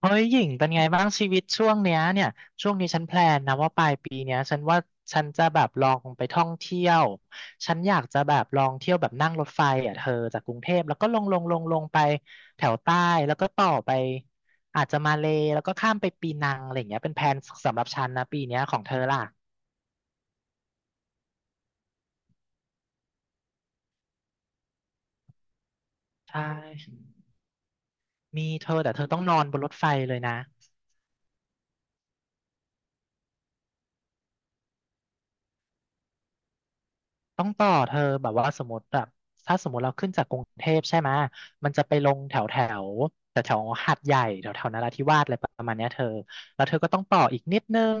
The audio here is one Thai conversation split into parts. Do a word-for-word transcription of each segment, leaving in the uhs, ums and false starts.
เฮ้ยหญิงเป็นไงบ้างชีวิตช่วงเนี้ยเนี่ยช่วงนี้ฉันแพลนนะว่าปลายปีเนี้ยฉันว่าฉันจะแบบลองไปท่องเที่ยวฉันอยากจะแบบลองเที่ยวแบบนั่งรถไฟอ่ะเธอจากกรุงเทพแล้วก็ลงลงลงลงไปแถวใต้แล้วก็ต่อไปอาจจะมาเลย์แล้วก็ข้ามไปปีนังอะไรอย่างเงี้ยเป็นแพลนสำหรับฉันนะปีเนี้ยของเธอล่ะใช่มีเธอแต่เธอต้องนอนบนรถไฟเลยนะ ต้องต่อเธอแบบว่าสมมติแบบถ้าสมมติเราขึ้นจากกรุงเทพใช่ไหมยมันจะไปลงแถวแถวแต่แถวๆหาดใหญ่แถวแถวนราธิวาสอะไรประมาณเนี้ยเธอแล้วเธอก็ต้องต่ออีกนิดนึง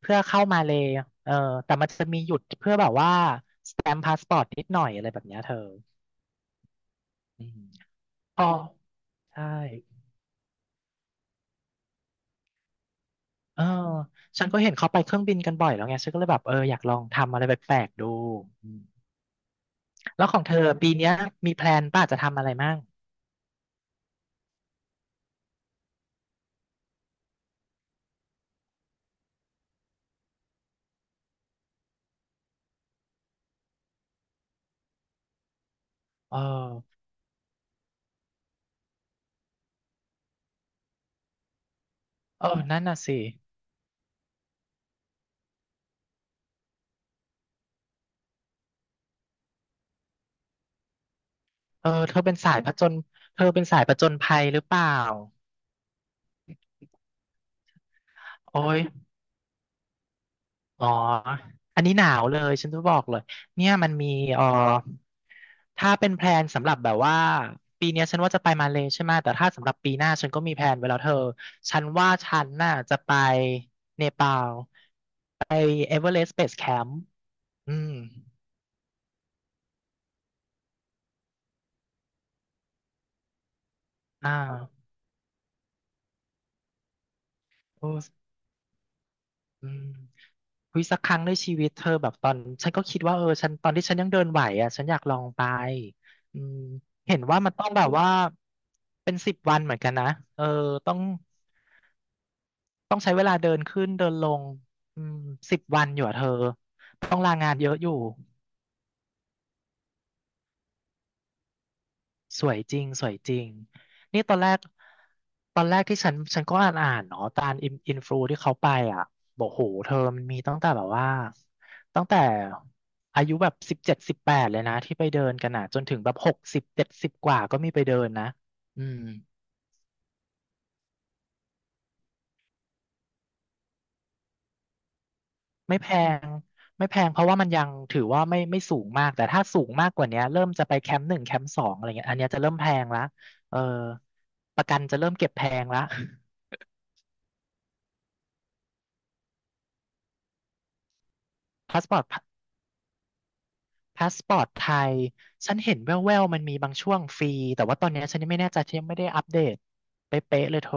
เพื่อเข้ามาเลยเออแต่มันจะมีหยุดเพื่อแบบว่าสแตมพาสปอร์ตนิดหน่อยอะไรแบบเนี้ยเธออืมอ๋อใช่เออฉันก็เห็นเขาไปเครื่องบินกันบ่อยแล้วไงฉันก็เลยแบบเอออยากลองทำอะไรแปลกๆดูอืมแล้วของเธอปีเนี้ยมีแพลนป่ะจะทำอะไรมั่งเออ เออนั่นน่ะสิเออเธอเป็นสายผจญเธอเป็นสายผจญภัยหรือเปล่าโอ้ยอ๋ออันนี้หนาวเลยฉันจะบอกเลยเนี่ยมันมีเออถ้าเป็นแพลนสำหรับแบบว่าปีเนี้ยฉันว่าจะไปมาเลใช่ไหมแต่ถ้าสำหรับปีหน้าฉันก็มีแพลนไว้แล้วเธอฉันว่าฉันน่ะจะไปเนปาลไปเอเวอเรสต์เบสแคมป์อืมอ่าโอ้อืม วิสักครั้งในชีวิตเธอแบบตอนฉันก็คิดว่าเออฉันตอนที่ฉันยังเดินไหวอ่ะฉันอยากลองไปอืมเห็นว่ามันต้องแบบว่าเป็นสิบวันเหมือนกันนะเออต้องต้องใช้เวลาเดินขึ้นเดินลงอืมสิบวันอยู่อะเธอต้องลางานเยอะอยู่ สวยจริงสวยจริงนี่ตอนแรกตอนแรกที่ฉันฉันก็อ่านอ่านเนาะตามอินอินฟลูที่เขาไปอ่ะบอกโหเธอมันมีตั้งแต่แบบว่าตั้งแต่อายุแบบสิบเจ็ดสิบแปดเลยนะที่ไปเดินกันอ่ะจนถึงแบบหกสิบเจ็ดสิบกว่าก็มีไปเดินนะอืมไม่แพงไม่แพงเพราะว่ามันยังถือว่าไม่ไม่สูงมากแต่ถ้าสูงมากกว่าเนี้ยเริ่มจะไปแคมป์หนึ่งแคมป์สองอะไรเงี้ยอันเนี้ยจะเริ่มแพงละเออประกันจะเริ่มเก็บแพงละ พาสปอร์ต พาสปอร์ตไทย ฉันเห็นแว่วๆมันมีบางช่วงฟรีแต่ว่าตอนเนี้ยฉันยังไม่แน่ใจฉันยังไม่ได้อัปเดตเป๊ะๆเลยโทร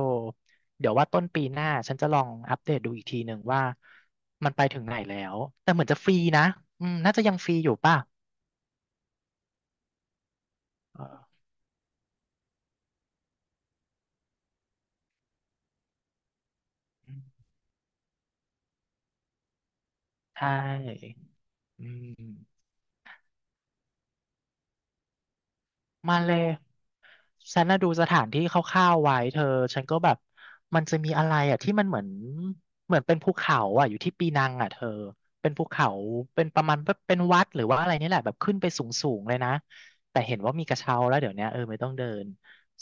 เดี๋ยวว่าต้นปีหน้าฉันจะลองอัปเดตดูอีกทีหนึ่งว่ามันไปถึงไหนแล้ว แต่เหมือนจะฟรีนะอืมน่าจะยังฟรีอยู่ป่ะเออใช่อืมมาเลย ฉันน่ะดูสถานที่คร่าวๆไว้เธอฉันก็แบบมันจะมีอะไรอ่ะที่มันเหมือนเหมือนเป็นภูเขาอ่ะอยู่ที่ปีนังอ่ะเธอเป็นภูเขาเป็นประมาณแบบเป็นวัดหรือว่าอะไรนี่แหละแบบขึ้นไปสูงๆเลยนะแต่เห็นว่ามีกระเช้าแล้วเดี๋ยวเนี้ยเออไม่ต้องเดิน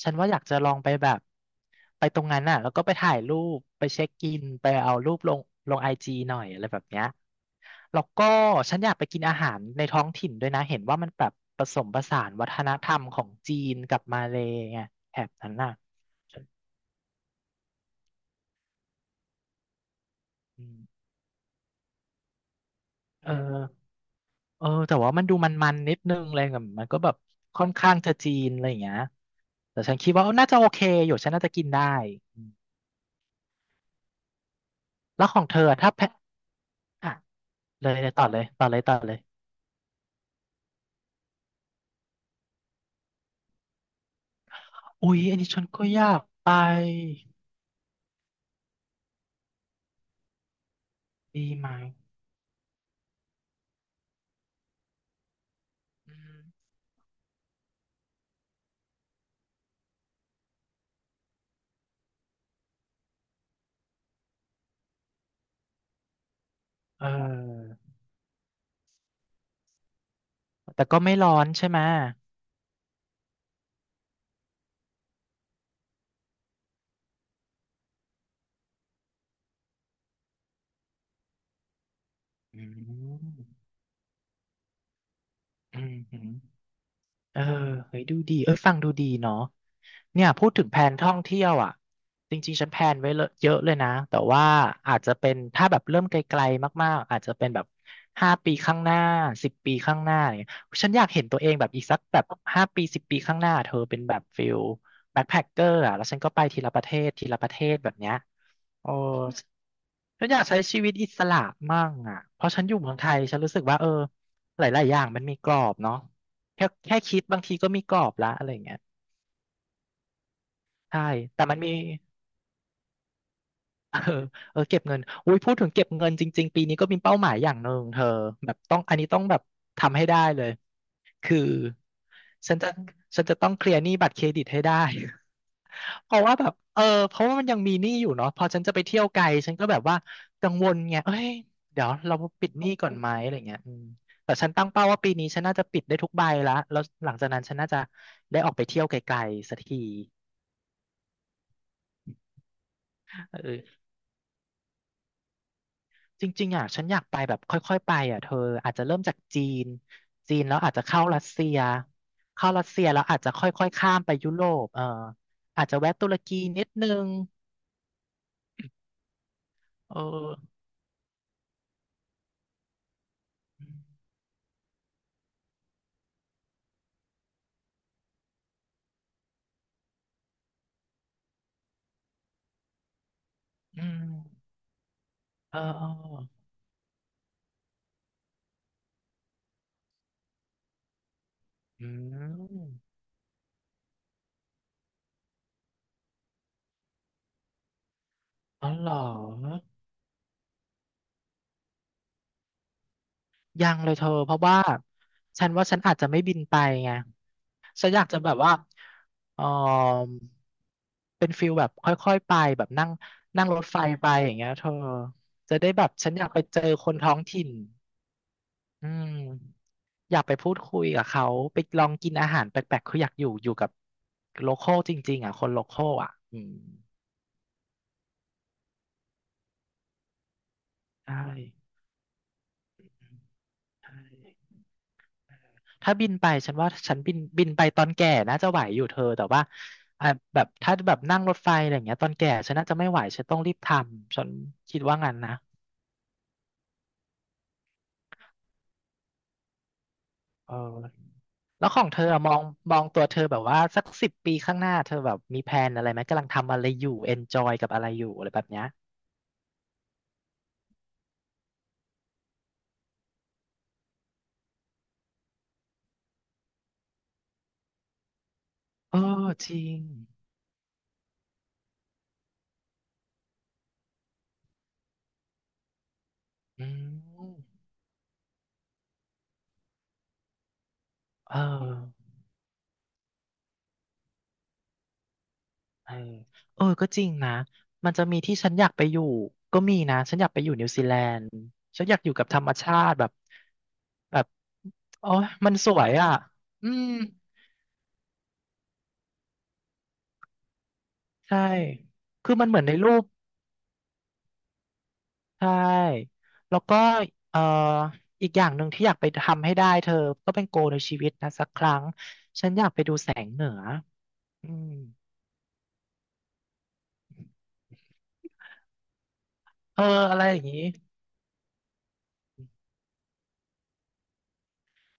ฉันว่าอยากจะลองไปแบบไปตรงนั้นน่ะแล้วก็ไปถ่ายรูปไปเช็คอินไปเอารูปลงลงไอจีหน่อยอะไรแบบเนี้ยแล้วก็ฉันอยากไปกินอาหารในท้องถิ่นด้วยนะเห็นว่ามันแบบผสมผสานวัฒนธรรมของจีนกับมาเลย์ไงแถบนั้นน่ะฉันอืมเออเออแต่ว่ามันดูมันๆนิดนึงเลยแบบมันก็แบบค่อนข้างจะจีนอะไรอย่างเงี้ยแต่ฉันคิดว่าเออน่าจะโอเคอยู่ฉันน่าจะกินได้อืมแล้วของเธอถ้าแพะอ่ะเลยเลยต่อเลยต่อเลยต่อเลย อุ๊ยอันนี้ฉันก็อยากไปดีไหมอืมเออแต่ก็ไม่ร้อนใช่ไหมอืมอืม เออเฮ้ยดูดีเอ้ยฟังดูดีเนาะเนี่ยพูดถึงแผนท่องเที่ยวอ่ะจริงๆฉันแพลนไว้เลอะเยอะเลยนะ แต่ว่าอาจจะเป็นถ้าแบบเริ่มไกลๆมากๆ อาจจะเป็นแบบห้าปีข้างหน้าสิบปีข้างหน้าเนี่ยฉันอยากเห็นตัวเองแบบอีกสักแบบห้าปีสิบปีข้างหน้าเธอเป็นแบบฟิลแบ็คแพคเกอร์อ่ะแล้วฉันก็ไปทีละประเทศทีละประเทศแบบเนี้ยโอ้ ฉันอยากใช้ชีวิตอิสระมั่งอ่ะเพราะฉันอยู่เมืองไทยฉันรู้สึกว่าเออหลายๆอย่างมันมีกรอบเนาะแค่แค่คิดบางทีก็มีกรอบละอะไรอย่างเงี้ยใช่แต่มันมี เออเออเก็บเงินอุ้ยพูดถึงเก็บเงินจริงๆปีนี้ก็มีเป้าหมายอย่างหนึ่งเธอแบบต้องอันนี้ต้องแบบทำให้ได้เลยคือฉันจะฉันจะต้องเคลียร์หนี้บัตรเครดิตให้ได้ เพราะว่าแบบเออเพราะว่ามันยังมีหนี้อยู่เนาะพอฉันจะไปเที่ยวไกลฉันก็แบบว่ากังวลไงเอ้ยเดี๋ยวเราปิดหนี้ก่อนไหมอะไรเงี้ยอืมแต่ฉันตั้งเป้าว่าปีนี้ฉันน่าจะปิดได้ทุกใบละแล้วหลังจากนั้นฉันน่าจะได้ออกไปเที่ยวไกลๆสักทีเออ จริงๆอ่ะฉันอยากไปแบบค่อยๆ ไปอ่ะเธออาจจะเริ่มจากจีน จีนแล้วอาจจะเข้ารัสเซียเข้ารัสเซียแล้วอาจจะค่อยๆ ข้ามไปยุโรปเอออาจจะแวะตุรกีนิดนึงเอออืมเออเอออืมอ๋อเหรอ ยังเลยเธอเพราะว่าฉันว่าฉันอาจจะไม่บินไปไงฉันอยากจะแบบว่าเออเป็นฟิลแบบค่อยๆไปแบบนั่งนั่งรถไฟไปอย่างเงี้ยเธอจะได้แบบฉันอยากไปเจอคนท้องถิ่นอืมอยากไปพูดคุยกับเขาไปลองกินอาหารแปลกๆคืออยากอยู่อยู่กับโลคอลจริงๆอ่ะคนโลคอลอ่ะอืมใช่ใช่ ถ้าบินไปฉันว่าฉันบินบินไปตอนแก่น่าจะไหวอยู่เธอแต่ว่าอ่ะแบบถ้าแบบนั่งรถไฟอะไรอย่างเงี้ยตอนแก่ฉันน่าจะไม่ไหวฉันต้องรีบทำฉันคิดว่างั้นนะเออแล้วของเธออะมองมองตัวเธอแบบว่าสักสิบปีข้างหน้าเธอแบบมีแพลนอะไรไหมกำลังทำอะไรอยู่เอนจอยกับอะไรอยู่อะไรแบบเนี้ยเออจริงอืมเออ เออเออก็จริงนะ มันจะมีที่ฉันอยากไปอยู่ ก็มีนะฉันอยากไปอยู่นิวซีแลนด์ฉันอยากอยู่กับธรรมชาติแบบแบบโอ้ยมันสวยอ่ะ อืม ใช่ คือมันเหมือนในรูป ใช่ แล้วก็เอ่ออีกอย่างหนึ่งที่อยากไปทำให้ได้เธอ ก็เป็นโกในชีวิตนะสักครั้ง ฉันอยากไปดูแสงเหนืออืมเอออะไรอย่างนี้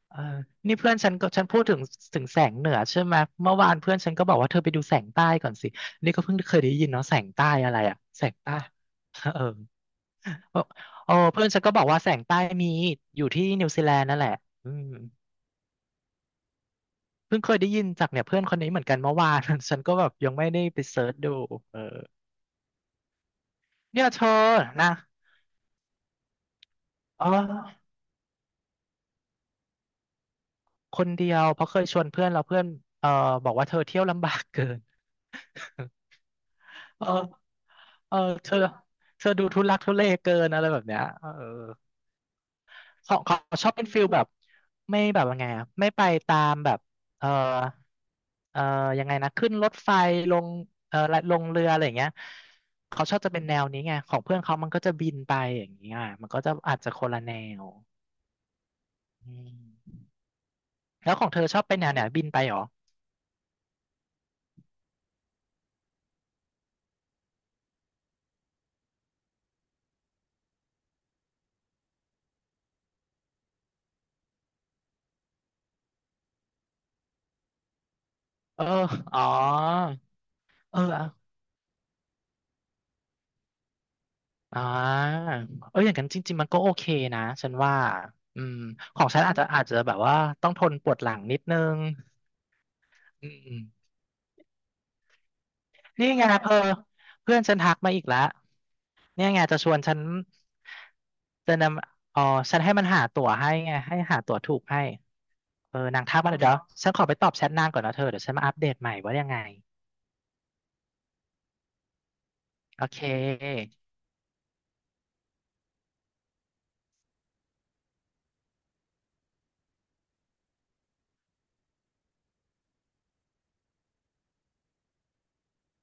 เออนี่เพื่อนฉันก็ฉันพูดถึงถึงแสงเหนือใช่ไหมเมื่อวานเพื่อนฉันก็บอกว่าเธอไปดูแสงใต้ก่อนสินี่ก็เพิ่งเคยได้ยินเนาะแสงใต้อะไรอะแสงใต้ เออโอ้เพื่อนฉันก็บอกว่าแสงใต้มีอยู่ที่นิวซีแลนด์นั่นแหละอืมเพิ่งเคยได้ยินจากเนี่ยเพื่อนคนนี้เหมือนกันเมื่อวาน ฉันก็แบบยังไม่ได้ไปเซิร์ชดูเออเนี่ยเธอนะอ๋อคนเดียวเพราะเคยชวนเพื่อนแล้วเพื่อนเออบอกว่าเธอเที่ยวลำบากเกิน เออเออเธอเธอดูทุลักทุเลเกินอะไรแบบเนี้ยเออของของชอบเป็นฟิลแบบไม่แบบว่าไงอะไม่ไปตามแบบเออเออยังไงนะขึ้นรถไฟลงเออลงเรืออะไรอย่างเงี้ยเขาชอบจะเป็นแนวนี้ไงของเพื่อนเขามันก็จะบินไปอย่างเงี้ยมันก็จะอาจจะคนละแนวอืมแล้วของเธอชอบเป็นแนวไหนบินไปเหรอเอออ๋อเออ อ่าเอออย่างนั้นจริงๆมันก็โอเคนะ ฉันว่าอืมของฉันอาจจะอาจจะแบบว่าต้องทนปวดหลังนิดนึงอืมนี่ไงเพอเพื่อนฉันทักมาอีกแล้วเนี่ยไงจะชวนฉันจะนำอ๋อฉันให้มันหาตั๋วให้ไงให้หาตั๋วถูกให้เออนางทักมาเดี๋ยวฉันขอไปตอบแชทนางก่อนนะเธอเดี๋ยวฉันมาอัปเดตใหม่ว่ายังไงโอเค